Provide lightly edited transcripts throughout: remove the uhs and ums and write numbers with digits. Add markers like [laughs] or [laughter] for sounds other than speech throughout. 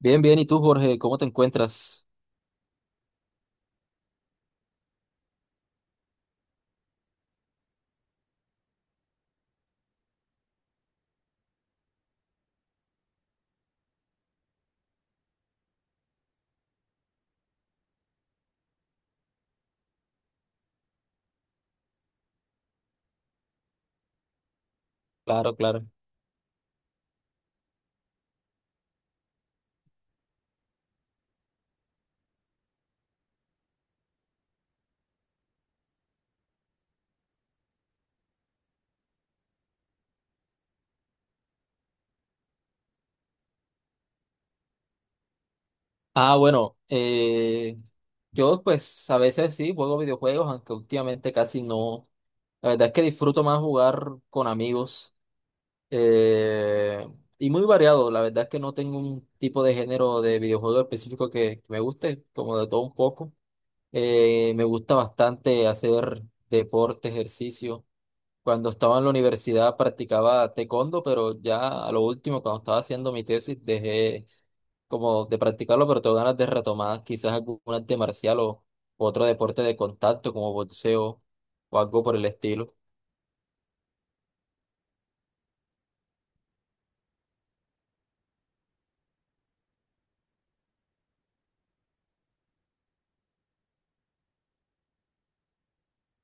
Bien, bien. ¿Y tú, Jorge, cómo te encuentras? Claro, claro. Ah, bueno, eh, yo pues a veces sí juego videojuegos, aunque últimamente casi no. La verdad es que disfruto más jugar con amigos eh, y muy variado. La verdad es que no tengo un tipo de género de videojuego específico que me guste, como de todo un poco. Me gusta bastante hacer deporte, ejercicio. Cuando estaba en la universidad practicaba taekwondo, pero ya a lo último, cuando estaba haciendo mi tesis, dejé como de practicarlo, pero tengo ganas de retomar quizás algún arte marcial o otro deporte de contacto como boxeo o algo por el estilo.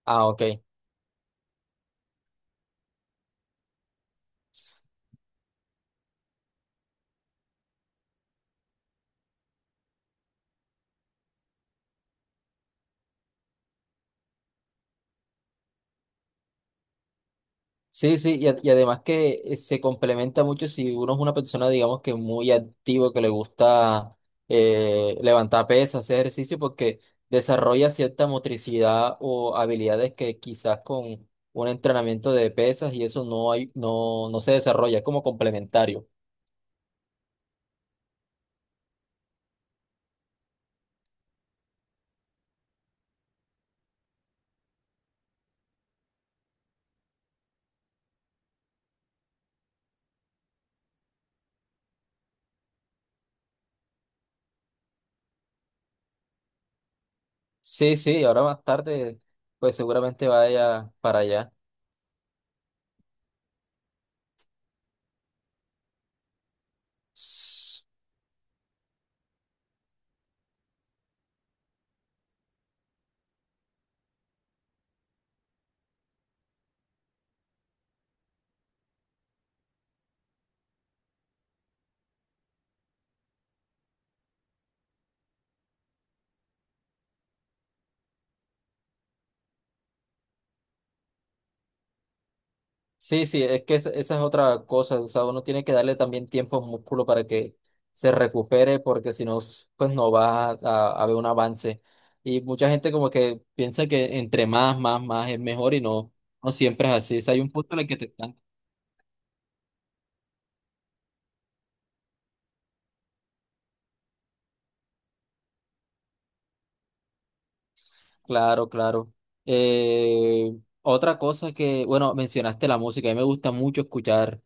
Ah, ok. Sí, sí, y además que se complementa mucho si uno es una persona, digamos que muy activo, que le gusta levantar pesas, hacer ejercicio, porque desarrolla cierta motricidad o habilidades que quizás con un entrenamiento de pesas y eso no hay, no, no se desarrolla, es como complementario. Sí, sí, ahora más tarde, pues seguramente vaya para allá. Sí, sí, es que esa es otra cosa, o sea, uno tiene que darle también tiempo al músculo para que se recupere, porque si no, pues no va a haber un avance. Y mucha gente como que piensa que entre más es mejor y no, no siempre es así. O sea, hay un punto en el que te están... Claro, claro. Eh, Otra cosa que, bueno, mencionaste la música, a mí me gusta mucho escuchar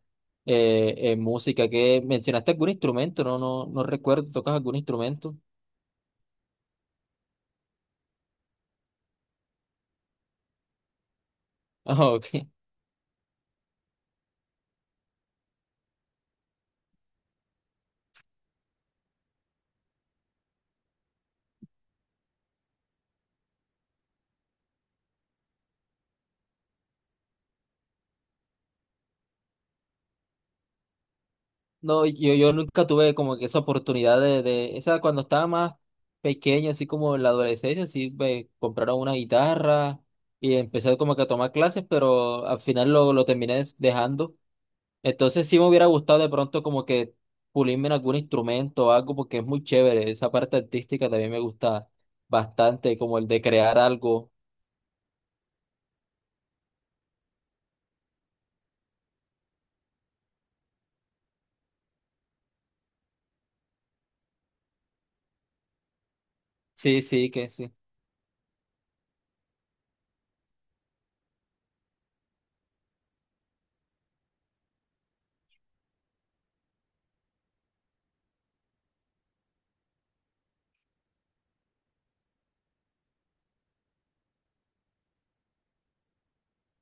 música, que mencionaste algún instrumento, no recuerdo, ¿tocas algún instrumento? [laughs] Ah, ok. No, yo nunca tuve como que esa oportunidad esa cuando estaba más pequeño, así como en la adolescencia, así me compraron una guitarra y empecé como que a tomar clases, pero al final lo terminé dejando. Entonces sí me hubiera gustado de pronto como que pulirme en algún instrumento o algo, porque es muy chévere, esa parte artística también me gusta bastante, como el de crear algo. Sí, sí, que sí.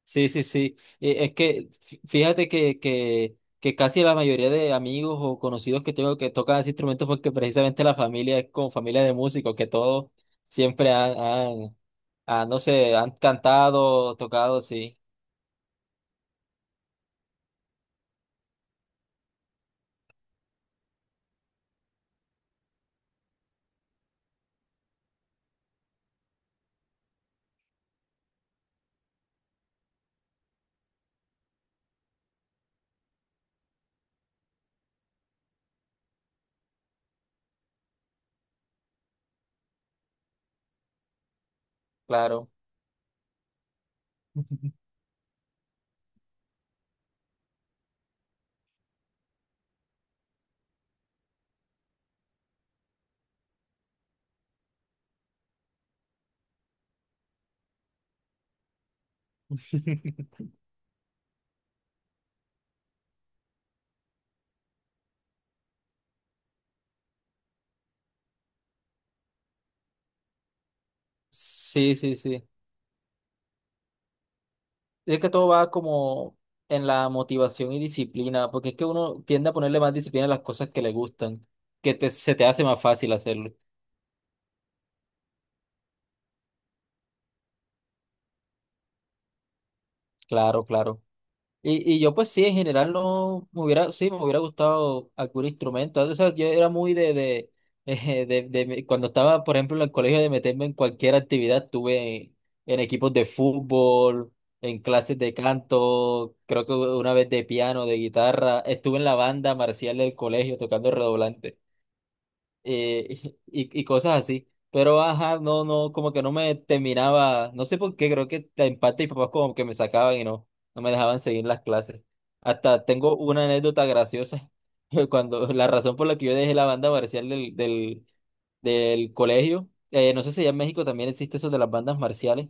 Sí, sí, sí. Es que fíjate que casi la mayoría de amigos o conocidos que tengo que tocan ese instrumento porque precisamente la familia es como familia de músicos, que todos siempre no sé, han cantado, tocado, sí, claro. [laughs] Sí, sí, sí. Es que todo va como en la motivación y disciplina, porque es que uno tiende a ponerle más disciplina a las cosas que le gustan, que se te hace más fácil hacerlo. Claro, claro. Y yo pues sí, en general no me hubiera, sí, me hubiera gustado algún instrumento. O sea, yo era muy de, [laughs] cuando estaba, por ejemplo, en el colegio de meterme en cualquier actividad, estuve en equipos de fútbol, en clases de canto, creo que una vez de piano, de guitarra, estuve en la banda marcial del colegio tocando redoblante [laughs] y cosas así. Pero ajá, no, no, como que no me terminaba, no sé por qué, creo que en parte mis papás como que me sacaban y no, no me dejaban seguir las clases. Hasta tengo una anécdota graciosa, [laughs] cuando la razón por la que yo dejé la banda marcial del colegio, no sé si allá en México también existe eso de las bandas marciales,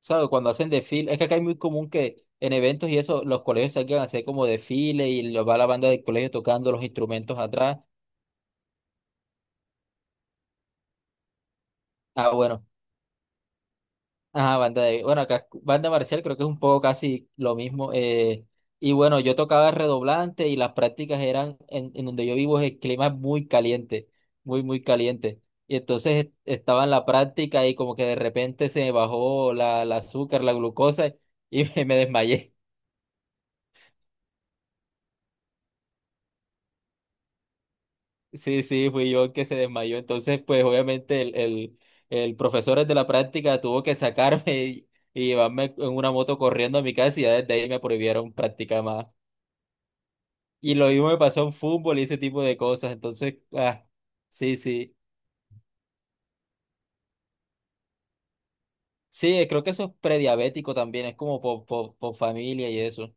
¿sabes? Cuando hacen desfile, es que acá es muy común que en eventos y eso, los colegios salgan a hacer como desfile y los va la banda del colegio tocando los instrumentos atrás. Ah, bueno. Ajá, banda de, bueno, acá, banda marcial creo que es un poco casi lo mismo. Y bueno, yo tocaba redoblante y las prácticas eran en donde yo vivo es el clima es muy caliente, muy, muy caliente. Y entonces estaba en la práctica y como que de repente se me bajó la azúcar, la glucosa y [laughs] me desmayé. Sí, sí, fui yo el que se desmayó. Entonces, pues obviamente el profesor de la práctica tuvo que sacarme [laughs] y llevarme en una moto corriendo a mi casa y ya desde ahí me prohibieron practicar más. Y lo mismo me pasó en fútbol y ese tipo de cosas. Entonces, ah, sí, sí. Sí, creo que eso es prediabético también, es como por familia y eso.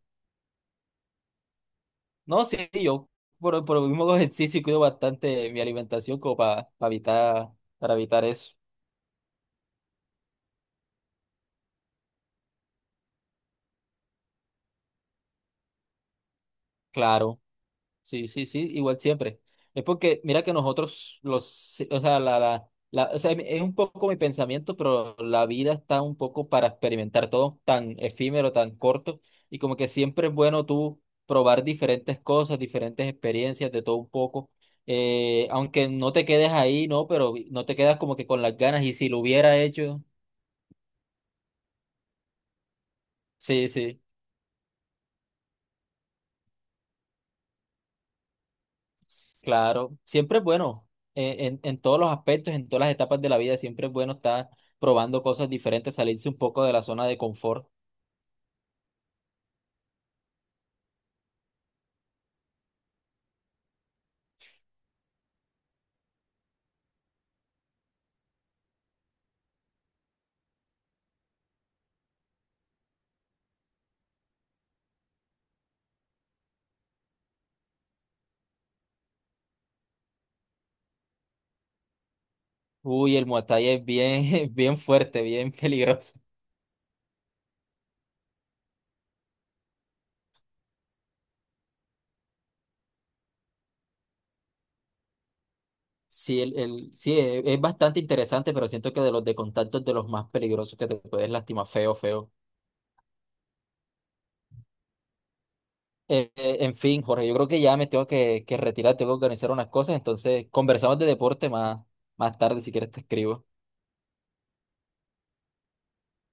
No, sí, yo por el mismo [laughs] hago ejercicio y cuido bastante mi alimentación como para evitar eso. Claro. Sí, sí, sí, igual siempre. Es porque, mira que nosotros, los, sí, o sea, o sea, es un poco mi pensamiento, pero la vida está un poco para experimentar todo tan efímero, tan corto, y como que siempre es bueno tú probar diferentes cosas, diferentes experiencias, de todo un poco, aunque no te quedes ahí, ¿no? Pero no te quedas como que con las ganas, y si lo hubiera hecho, sí, sí. Claro, siempre es bueno, en todos los aspectos, en todas las etapas de la vida, siempre es bueno estar probando cosas diferentes, salirse un poco de la zona de confort. Uy, el Muay Thai es bien, [laughs] bien fuerte, bien peligroso. Sí, es bastante interesante, pero siento que de los de contacto es de los más peligrosos que te puedes lastimar feo, feo. En fin, Jorge, yo creo que ya me tengo que retirar, tengo que organizar unas cosas, entonces conversamos de deporte más, más tarde si quieres te escribo.